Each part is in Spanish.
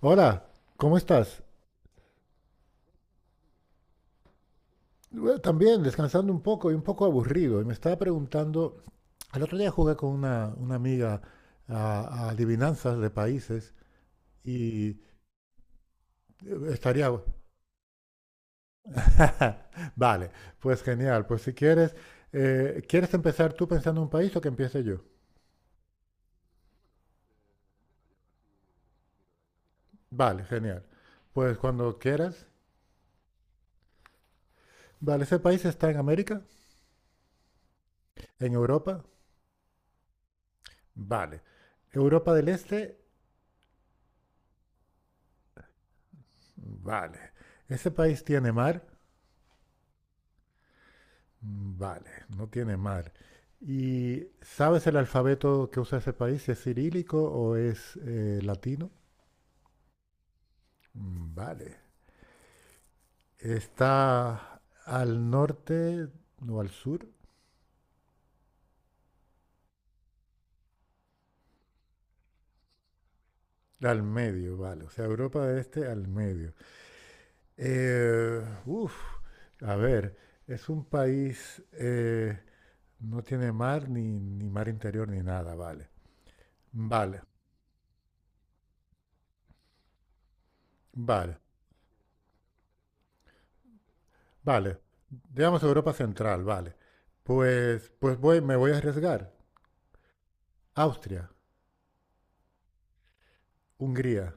Hola, ¿cómo estás? Bueno, también descansando un poco y un poco aburrido. Y me estaba preguntando, el otro día jugué con una amiga a adivinanzas de países y eh, estaría... gu- Vale, pues genial. Pues si quieres, ¿quieres empezar tú pensando en un país o que empiece yo? Vale, genial. Pues cuando quieras. Vale, ¿ese país está en América? ¿En Europa? Vale. ¿Europa del Este? Vale. ¿Ese país tiene mar? Mm, vale, no tiene mal. ¿Y sabes el alfabeto que usa ese país? ¿Si ¿Es cirílico o es latino? Mm, vale. ¿Está al norte o al sur? Al medio, vale. O sea, Europa de este al medio. Eh, uf, a ver, es un país, no tiene mar, ni mar interior, ni nada, vale. Vale, vale. Vale, digamos Europa Central, vale. Pues me voy a arriesgar. Austria, Hungría.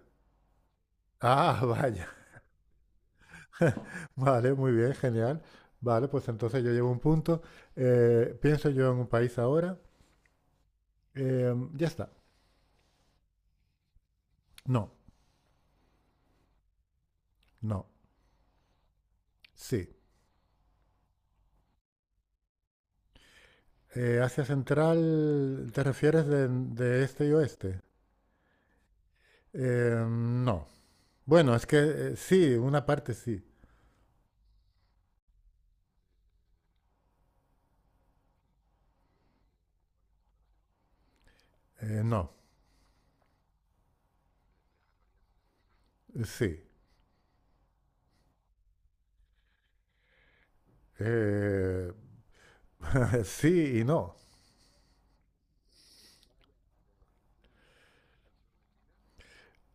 Ah, vaya. Vale, muy bien, genial. Vale, pues entonces yo llevo un punto. Pienso yo en un país ahora. Ya está. No, no. Sí. Asia Central, ¿te refieres de este y oeste? No. Bueno, es que sí, una parte sí. No, sí. Eh, sí y no.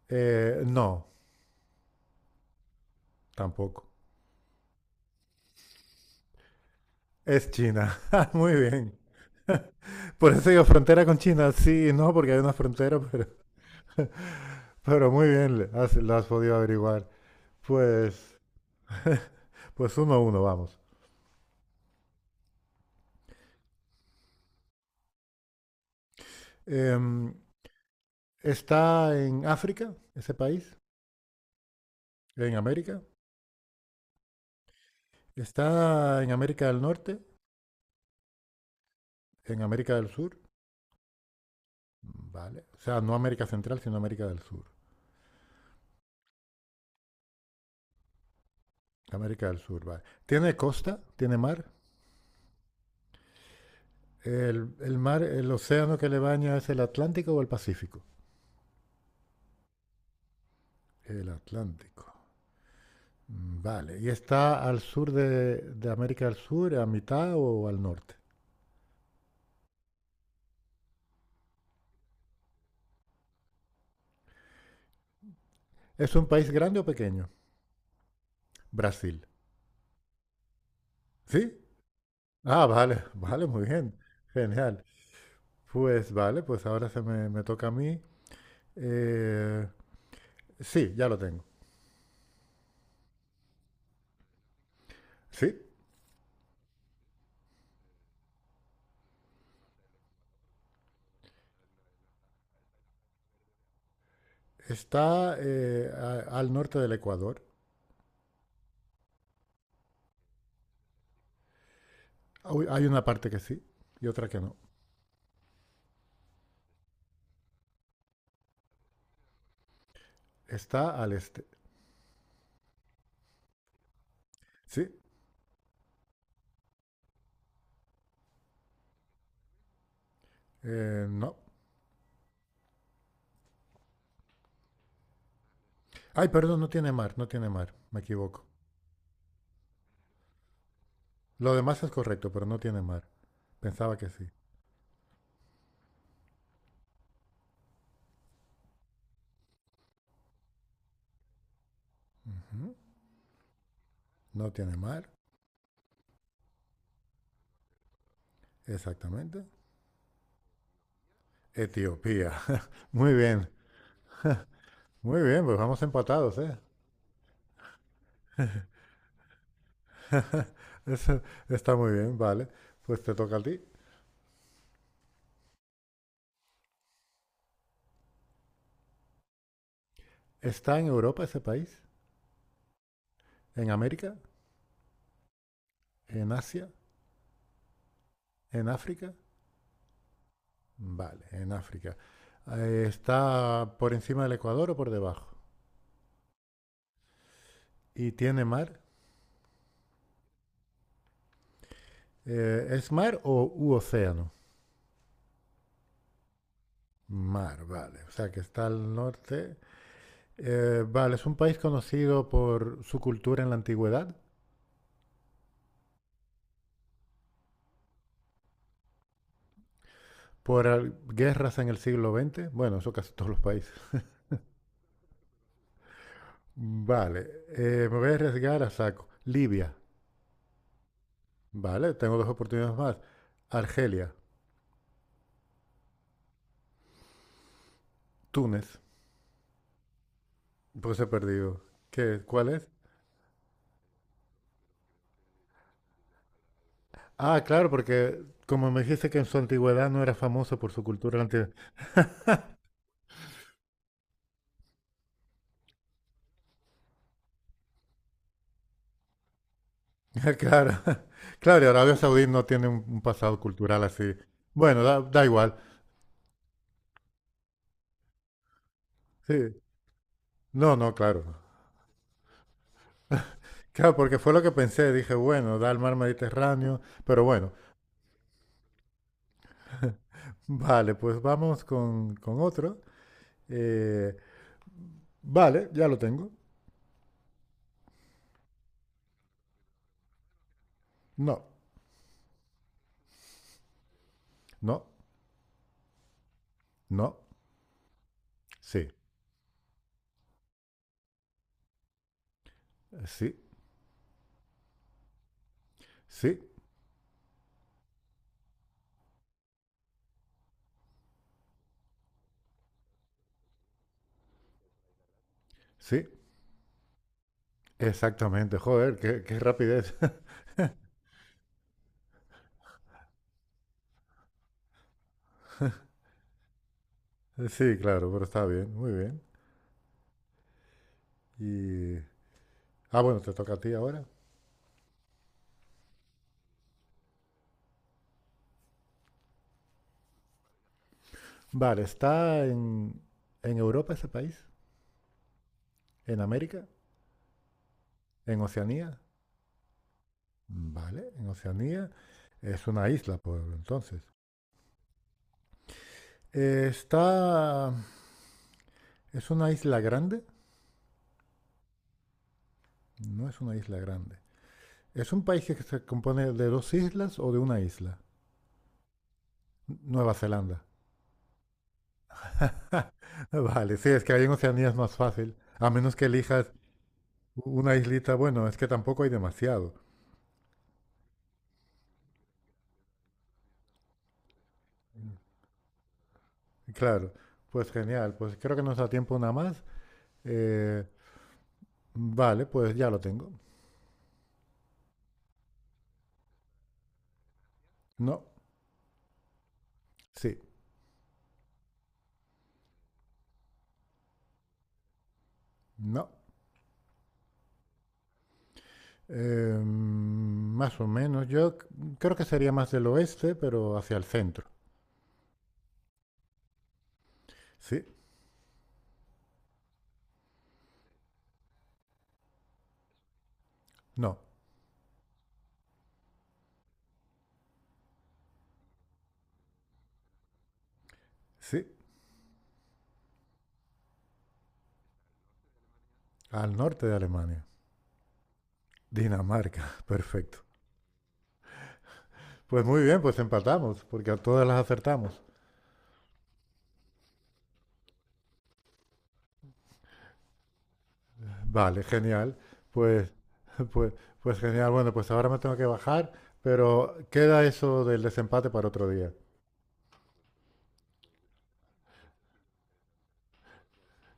No, tampoco. Es China. Muy bien. Por eso digo frontera con China. Sí, no, porque hay una frontera, pero muy bien, lo has podido averiguar. Pues, pues 1-1, vamos. Em, está en África, ese país, en América. Está en América del Norte, en América del Sur, vale. O sea, no América Central, sino América del Sur. América del Sur, vale. Tiene costa, tiene mar. El mar, el océano que le baña es el Atlántico o el Pacífico. El Atlántico. Mm, vale. ¿Y está al sur de América del Sur, a mitad o al norte? ¿Es un país grande o pequeño? Brasil. ¿Sí? Ah, vale, vale, muy bien. Genial. Pues vale, pues ahora me toca a mí. Eh, sí, ya lo tengo. Sí, está al norte del Ecuador. Hay una parte que sí y otra que no. Está al este. Sí, no. Ay, perdón, no tiene mar, no tiene mar. Me equivoco. Lo demás es correcto, pero no tiene mar. Pensaba que sí. No tiene mar, exactamente. Etiopía. Muy bien, muy bien, pues vamos empatados, ¿eh? Eso está muy bien, vale. Pues te toca a ti. ¿Está en Europa ese país? ¿En América? ¿En Asia? ¿En África? Vale, en África. ¿Está por encima del Ecuador o por debajo? ¿Y tiene mar? ¿Es mar o u océano? Mar, vale. O sea que está al norte. Vale, es un país conocido por su cultura en la antigüedad, por guerras en el siglo XX. Bueno, eso casi todos los países. Vale, me voy a arriesgar a saco. Libia. Vale, tengo dos oportunidades más. Argelia, Túnez. Pues he perdido. ¿Qué? ¿Cuál es? Ah, claro, porque como me dijiste que en su antigüedad no era famoso por su cultura antigua. Claro, claro, y Arabia Saudí no tiene un pasado cultural así. Bueno, da igual. Sí. No, no, claro. Claro, porque fue lo que pensé. Dije, bueno, da el mar Mediterráneo. Pero bueno, vale, pues vamos con otro. Eh, vale, ya lo tengo. No, no, no. Sí, sí, sí, sí. Exactamente. Joder, qué rapidez. Sí, claro, pero está bien, muy bien. Y... Ah, bueno, te toca a ti ahora. Vale, ¿está en Europa ese país? ¿En América? ¿En Oceanía? Vale, en Oceanía. Es una isla, por entonces. Eh, está... ¿Es una isla grande? No es una isla grande. ¿Es un país que se compone de dos islas o de una isla? Nueva Zelanda. Vale, sí, es que ahí en Oceanía es más fácil, a menos que elijas una islita, bueno, es que tampoco hay demasiado. Claro, pues genial, pues creo que nos da tiempo una más. Eh, vale, pues ya lo tengo. No, sí, no. Más o menos, yo creo que sería más del oeste, pero hacia el centro. Sí, no, sí, al norte de Alemania. Dinamarca, perfecto. Pues muy bien, pues empatamos, porque a todas las acertamos. Vale, genial. Pues, pues, pues genial. Bueno, pues ahora me tengo que bajar, pero queda eso del desempate para otro día.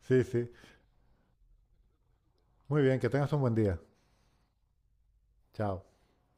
Sí, sí. Muy bien, que tengas un buen día. Chao.